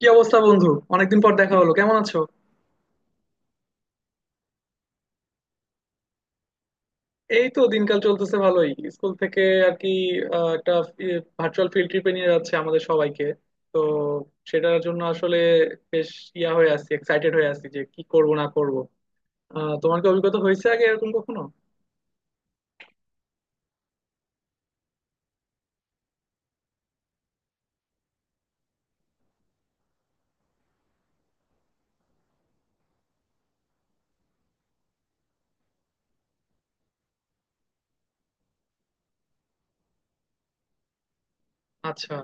কি অবস্থা, বন্ধু? অনেকদিন পর দেখা হলো, কেমন আছো? এই তো দিনকাল চলতেছে ভালোই। স্কুল থেকে আর কি একটা ভার্চুয়াল ফিল্ড ট্রিপে নিয়ে যাচ্ছে আমাদের সবাইকে। তো সেটার জন্য আসলে বেশ ইয়া হয়ে আছি, এক্সাইটেড হয়ে আছি যে কি করব না করব। তোমার কি অভিজ্ঞতা হয়েছে আগে এরকম কখনো? আচ্ছা।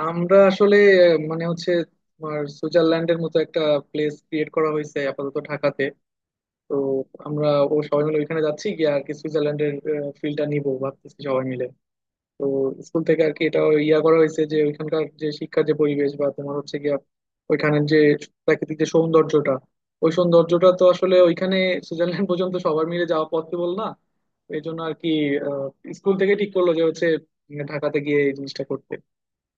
আমরা আসলে মানে হচ্ছে তোমার সুইজারল্যান্ডের মতো একটা প্লেস ক্রিয়েট করা হয়েছে আপাতত ঢাকাতে। তো আমরা ও সবাই মিলে ওইখানে যাচ্ছি গিয়ে আর কি, সুইজারল্যান্ডের ফিল্ডটা নিবো ভাবতেছি সবাই মিলে। তো স্কুল থেকে আর কি এটা ইয়া করা হয়েছে যে ওইখানকার যে শিক্ষার যে পরিবেশ বা তোমার হচ্ছে গিয়া ওইখানের যে প্রাকৃতিক যে সৌন্দর্যটা, ওই সৌন্দর্যটা তো আসলে ওইখানে সুইজারল্যান্ড পর্যন্ত সবার মিলে যাওয়া পসিবল না। এই জন্য আর কি স্কুল থেকে ঠিক করলো যে হচ্ছে ঢাকাতে গিয়ে এই জিনিসটা করতে।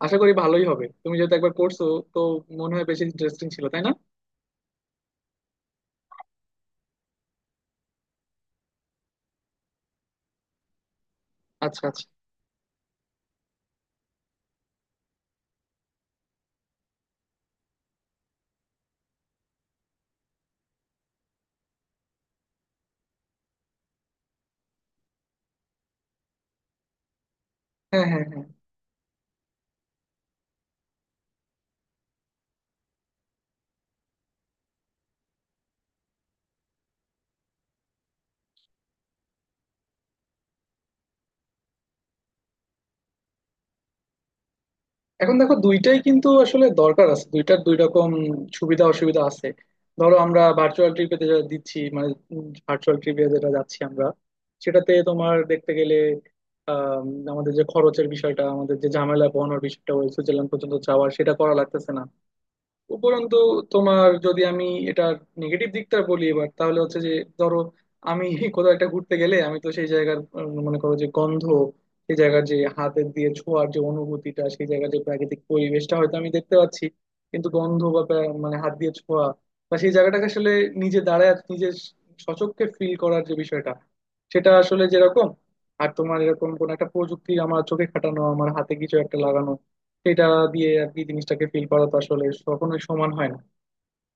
আশা করি ভালোই হবে। তুমি যেহেতু একবার করছো, তো মনে হয় বেশি ইন্টারেস্টিং ছিল, তাই না? আচ্ছা আচ্ছা। হ্যাঁ হ্যাঁ হ্যাঁ। এখন দেখো দুইটাই কিন্তু আসলে দরকার আছে, দুইটার দুই রকম সুবিধা অসুবিধা আছে। ধরো আমরা ভার্চুয়াল ট্রিপে যেটা দিচ্ছি মানে ভার্চুয়াল ট্রিপে যেটা যাচ্ছি আমরা, সেটাতে তোমার দেখতে গেলে আম, আমাদের যে খরচের বিষয়টা, আমাদের যে ঝামেলা পোহানোর বিষয়টা ওই সুইজারল্যান্ড পর্যন্ত যাওয়ার, সেটা করা লাগতেছে না। উপরন্তু তোমার যদি আমি এটা নেগেটিভ দিকটা বলি এবার তাহলে হচ্ছে যে, ধরো আমি কোথাও একটা ঘুরতে গেলে আমি তো সেই জায়গার মনে করো যে গন্ধ, সেই জায়গার যে হাতের দিয়ে ছোঁয়ার যে অনুভূতিটা, সেই জায়গার যে প্রাকৃতিক পরিবেশটা হয়তো আমি দেখতে পাচ্ছি, কিন্তু গন্ধ বা মানে হাত দিয়ে ছোঁয়া বা সেই জায়গাটাকে আসলে নিজে দাঁড়ায় নিজের সচক্ষে ফিল করার যে বিষয়টা, সেটা আসলে যেরকম আর তোমার এরকম কোন একটা প্রযুক্তি আমার চোখে খাটানো, আমার হাতে কিছু একটা লাগানো, সেটা দিয়ে আর কি জিনিসটাকে ফিল করা, তো আসলে কখনোই সমান হয় না।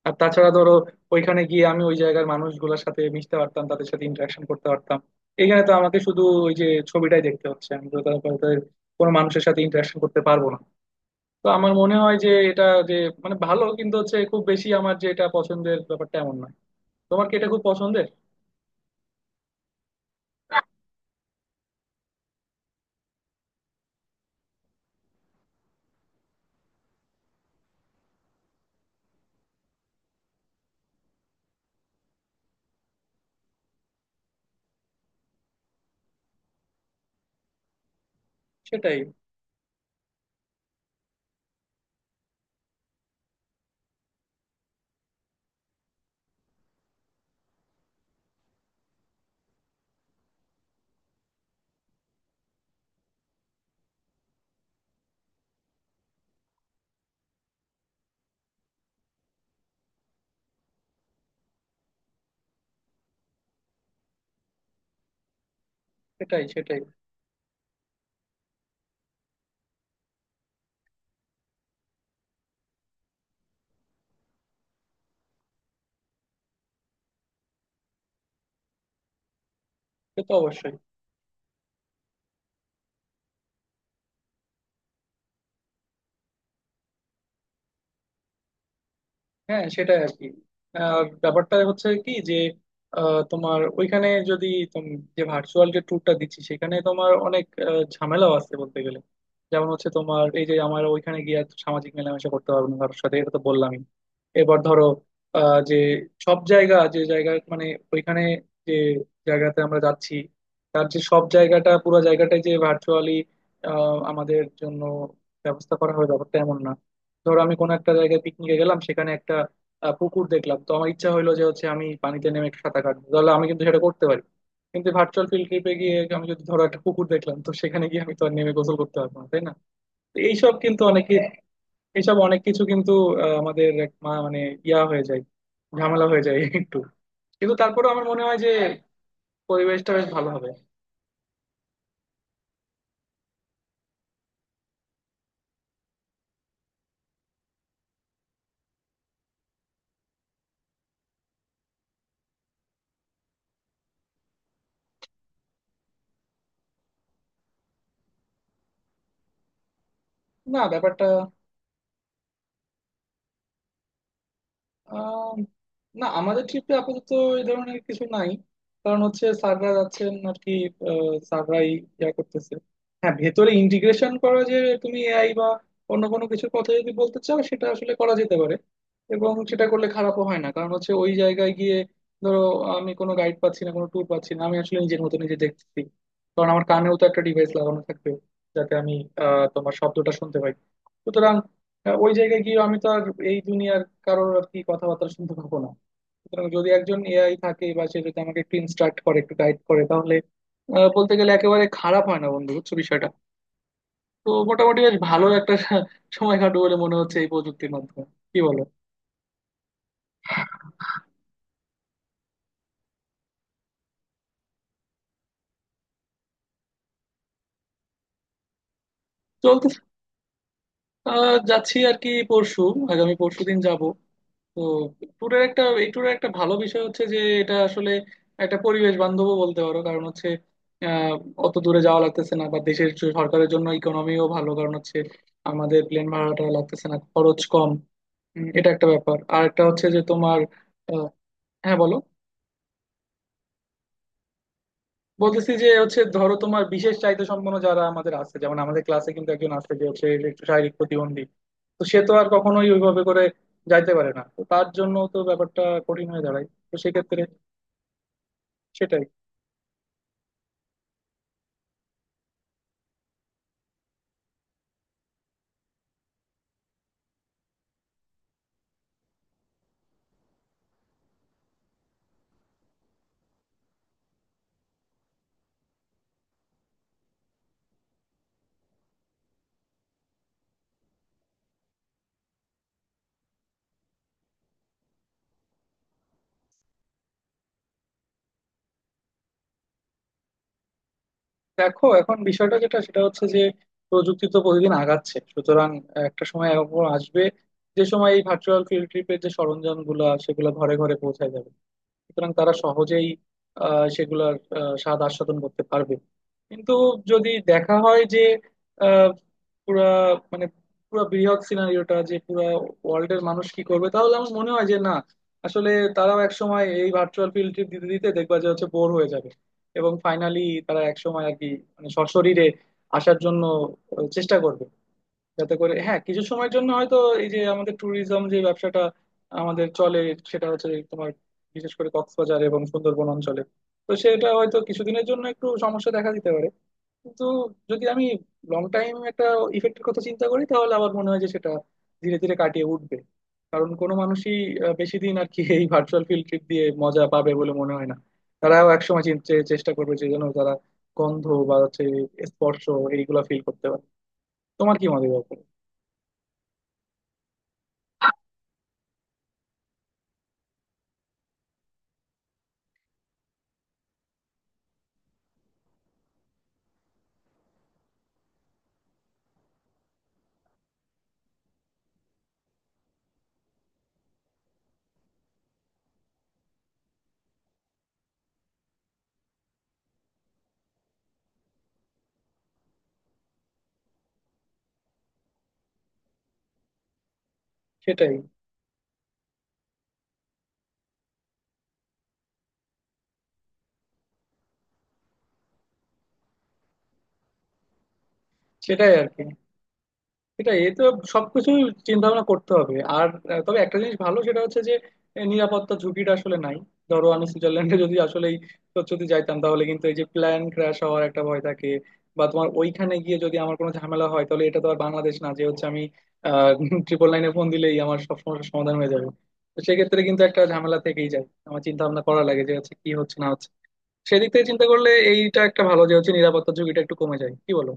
আর তাছাড়া ধরো ওইখানে গিয়ে আমি ওই জায়গার মানুষগুলোর সাথে মিশতে পারতাম, তাদের সাথে ইন্টারাকশন করতে পারতাম। এখানে তো আমাকে শুধু ওই যে ছবিটাই দেখতে হচ্ছে, আমি তো তাদের কোনো মানুষের সাথে ইন্টারাকশন করতে পারবো না। তো আমার মনে হয় যে এটা যে মানে ভালো, কিন্তু হচ্ছে খুব বেশি আমার যে এটা পছন্দের ব্যাপারটা এমন নয়। তোমার কি এটা খুব পছন্দের? সেটাই, সেটাই, সেটাই। সে তো অবশ্যই। হ্যাঁ, সেটাই আর কি। আহ, ব্যাপারটা হচ্ছে কি যে, তোমার ওইখানে যদি তুমি যে ভার্চুয়াল যে ট্যুরটা দিচ্ছি, সেখানে তোমার অনেক ঝামেলাও আছে বলতে গেলে। যেমন হচ্ছে তোমার এই যে আমার ওইখানে গিয়ে আর সামাজিক মেলামেশা করতে পারবো না কারোর সাথে, এটা তো বললামই। এবার ধরো যে সব জায়গা যে জায়গা মানে ওইখানে যে জায়গাতে আমরা যাচ্ছি, তার যে সব জায়গাটা পুরো জায়গাটাই যে ভার্চুয়ালি আমাদের জন্য ব্যবস্থা করা হবে, ব্যাপারটা এমন না। ধরো আমি কোনো একটা জায়গায় পিকনিকে গেলাম, সেখানে একটা পুকুর দেখলাম, তো আমার ইচ্ছা হলো যে হচ্ছে আমি পানিতে নেমে একটু সাঁতার কাটবো, তাহলে আমি কিন্তু সেটা করতে পারি। কিন্তু ভার্চুয়াল ফিল্ড ট্রিপে গিয়ে আমি যদি ধরো একটা পুকুর দেখলাম, তো সেখানে গিয়ে আমি তো আর নেমে গোসল করতে পারবো না, তাই না? তো এইসব কিন্তু অনেকে, এইসব অনেক কিছু কিন্তু আমাদের এক মানে ইয়া হয়ে যায়, ঝামেলা হয়ে যায় একটু। কিন্তু তারপরেও আমার মনে হয় যে পরিবেশটা বেশ ভালো হবে। না, ব্যাপারটা আহ, না, আমাদের ট্রিপে আপাতত এই ধরনের কিছু নাই। কারণ হচ্ছে স্যাররা যাচ্ছেন আর কি, স্যাররাই ইয়া করতেছে। হ্যাঁ, ভেতরে ইন্টিগ্রেশন করা যে তুমি এআই বা অন্য কোনো কিছুর কথা যদি বলতে চাও, সেটা আসলে করা যেতে পারে। এবং সেটা করলে খারাপও হয় না। কারণ হচ্ছে ওই জায়গায় গিয়ে ধরো আমি কোনো গাইড পাচ্ছি না, কোনো ট্যুর পাচ্ছি না, আমি আসলে নিজের মতো নিজে দেখতেছি। কারণ আমার কানেও তো একটা ডিভাইস লাগানো থাকবে, যাতে আমি তোমার শব্দটা শুনতে পাই। সুতরাং ওই জায়গায় গিয়ে আমি তো আর এই দুনিয়ার কারোর আর কি কথাবার্তা শুনতে পাবো না। সুতরাং যদি একজন এআই থাকে বা সে যদি আমাকে একটু ইনস্ট্রাক্ট করে, একটু গাইড করে, তাহলে বলতে গেলে একেবারে খারাপ হয় না, বন্ধু। বুঝছো বিষয়টা? তো মোটামুটি বেশ ভালো একটা সময় কাটবে বলে মনে হচ্ছে এই প্রযুক্তির মাধ্যমে। কি বলো? চলতে আহ যাচ্ছি আর কি পরশু, আগামী পরশু দিন যাবো। তো ট্যুরের একটা, এই ট্যুরের একটা ভালো বিষয় হচ্ছে যে এটা আসলে একটা পরিবেশ বান্ধবও বলতে পারো। কারণ হচ্ছে আহ, অত দূরে যাওয়া লাগতেছে না বা দেশের যে সরকারের জন্য ইকোনমিও ভালো। কারণ হচ্ছে আমাদের প্লেন ভাড়াটা লাগতেছে না, খরচ কম। এটা একটা ব্যাপার। আর একটা হচ্ছে যে তোমার আহ, হ্যাঁ, বলো। বলতেছি যে হচ্ছে ধরো তোমার বিশেষ চাহিদা সম্পন্ন যারা আমাদের আছে, যেমন আমাদের ক্লাসে কিন্তু একজন আছে যে হচ্ছে একটু শারীরিক প্রতিবন্ধী, তো সে তো আর কখনোই ওইভাবে করে যাইতে পারে না। তো তার জন্য তো ব্যাপারটা কঠিন হয়ে দাঁড়ায়। তো সেক্ষেত্রে সেটাই। দেখো এখন বিষয়টা যেটা সেটা হচ্ছে যে প্রযুক্তি তো প্রতিদিন আগাচ্ছে, সুতরাং একটা সময় এরকম আসবে যে সময় এই ভার্চুয়াল ফিল্ড ট্রিপের যে সরঞ্জাম গুলা সেগুলো ঘরে ঘরে পৌঁছায় যাবে। সুতরাং তারা সহজেই সেগুলার স্বাদ আস্বাদন করতে পারবে। কিন্তু যদি দেখা হয় যে আহ, পুরা মানে পুরা বৃহৎ সিনারিওটা যে পুরা ওয়ার্ল্ডের মানুষ কি করবে, তাহলে আমার মনে হয় যে না, আসলে তারাও এক সময় এই ভার্চুয়াল ফিল্ড ট্রিপ দিতে দিতে দেখবা যে হচ্ছে বোর হয়ে যাবে। এবং ফাইনালি তারা এক সময় আর কি মানে সশরীরে আসার জন্য চেষ্টা করবে। যাতে করে হ্যাঁ কিছু সময়ের জন্য হয়তো এই যে আমাদের ট্যুরিজম যে ব্যবসাটা আমাদের চলে, সেটা হচ্ছে এই তোমার বিশেষ করে কক্সবাজার এবং সুন্দরবন অঞ্চলে, তো সেটা হয়তো কিছুদিনের জন্য একটু সমস্যা দেখা দিতে পারে। কিন্তু যদি আমি লং টাইম একটা ইফেক্টের কথা চিন্তা করি, তাহলে আবার মনে হয় যে সেটা ধীরে ধীরে কাটিয়ে উঠবে। কারণ কোনো মানুষই বেশি দিন আর কি এই ভার্চুয়াল ফিল্ড ট্রিপ দিয়ে মজা পাবে বলে মনে হয় না। তারাও একসময় চেষ্টা করবে যে যেন তারা গন্ধ বা হচ্ছে স্পর্শ এইগুলা ফিল করতে পারে। তোমার কি মনে হয় এই ব্যাপারে? সেটাই, সেটাই আর কি, সেটাই। এ তো সবকিছু চিন্তা ভাবনা করতে হবে। আর তবে একটা জিনিস ভালো, সেটা হচ্ছে যে নিরাপত্তা ঝুঁকিটা আসলে নাই। ধরো আমি সুইজারল্যান্ডে যদি আসলে যদি যাইতাম, তাহলে কিন্তু এই যে প্ল্যান ক্র্যাশ হওয়ার একটা ভয় থাকে। বা তোমার ওইখানে গিয়ে যদি আমার কোনো ঝামেলা হয়, তাহলে এটা তো আর বাংলাদেশ না যে হচ্ছে আমি আহ ট্রিপল নাইনে ফোন দিলেই আমার সব সমস্যার সমাধান হয়ে যাবে। তো সেক্ষেত্রে কিন্তু একটা ঝামেলা থেকেই যায়, আমার চিন্তা ভাবনা করা লাগে যে হচ্ছে কি হচ্ছে না হচ্ছে। সেদিক থেকে চিন্তা করলে এইটা একটা ভালো যে হচ্ছে নিরাপত্তা ঝুঁকিটা একটু কমে যায়। কি বলো?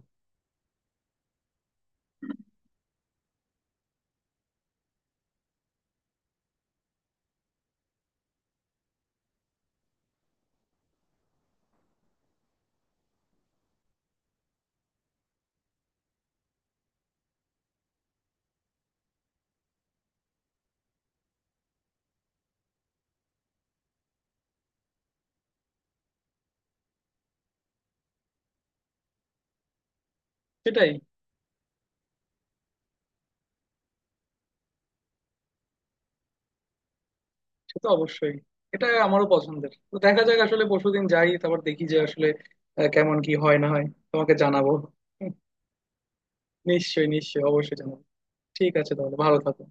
সেটাই। সে তো অবশ্যই। এটা আমারও পছন্দের। তো দেখা যাক আসলে পরশুদিন যাই, তারপর দেখি যে আসলে কেমন কি হয় না হয়। তোমাকে জানাবো। নিশ্চয়ই, নিশ্চয়ই, অবশ্যই জানাবো। ঠিক আছে তাহলে, ভালো থাকো।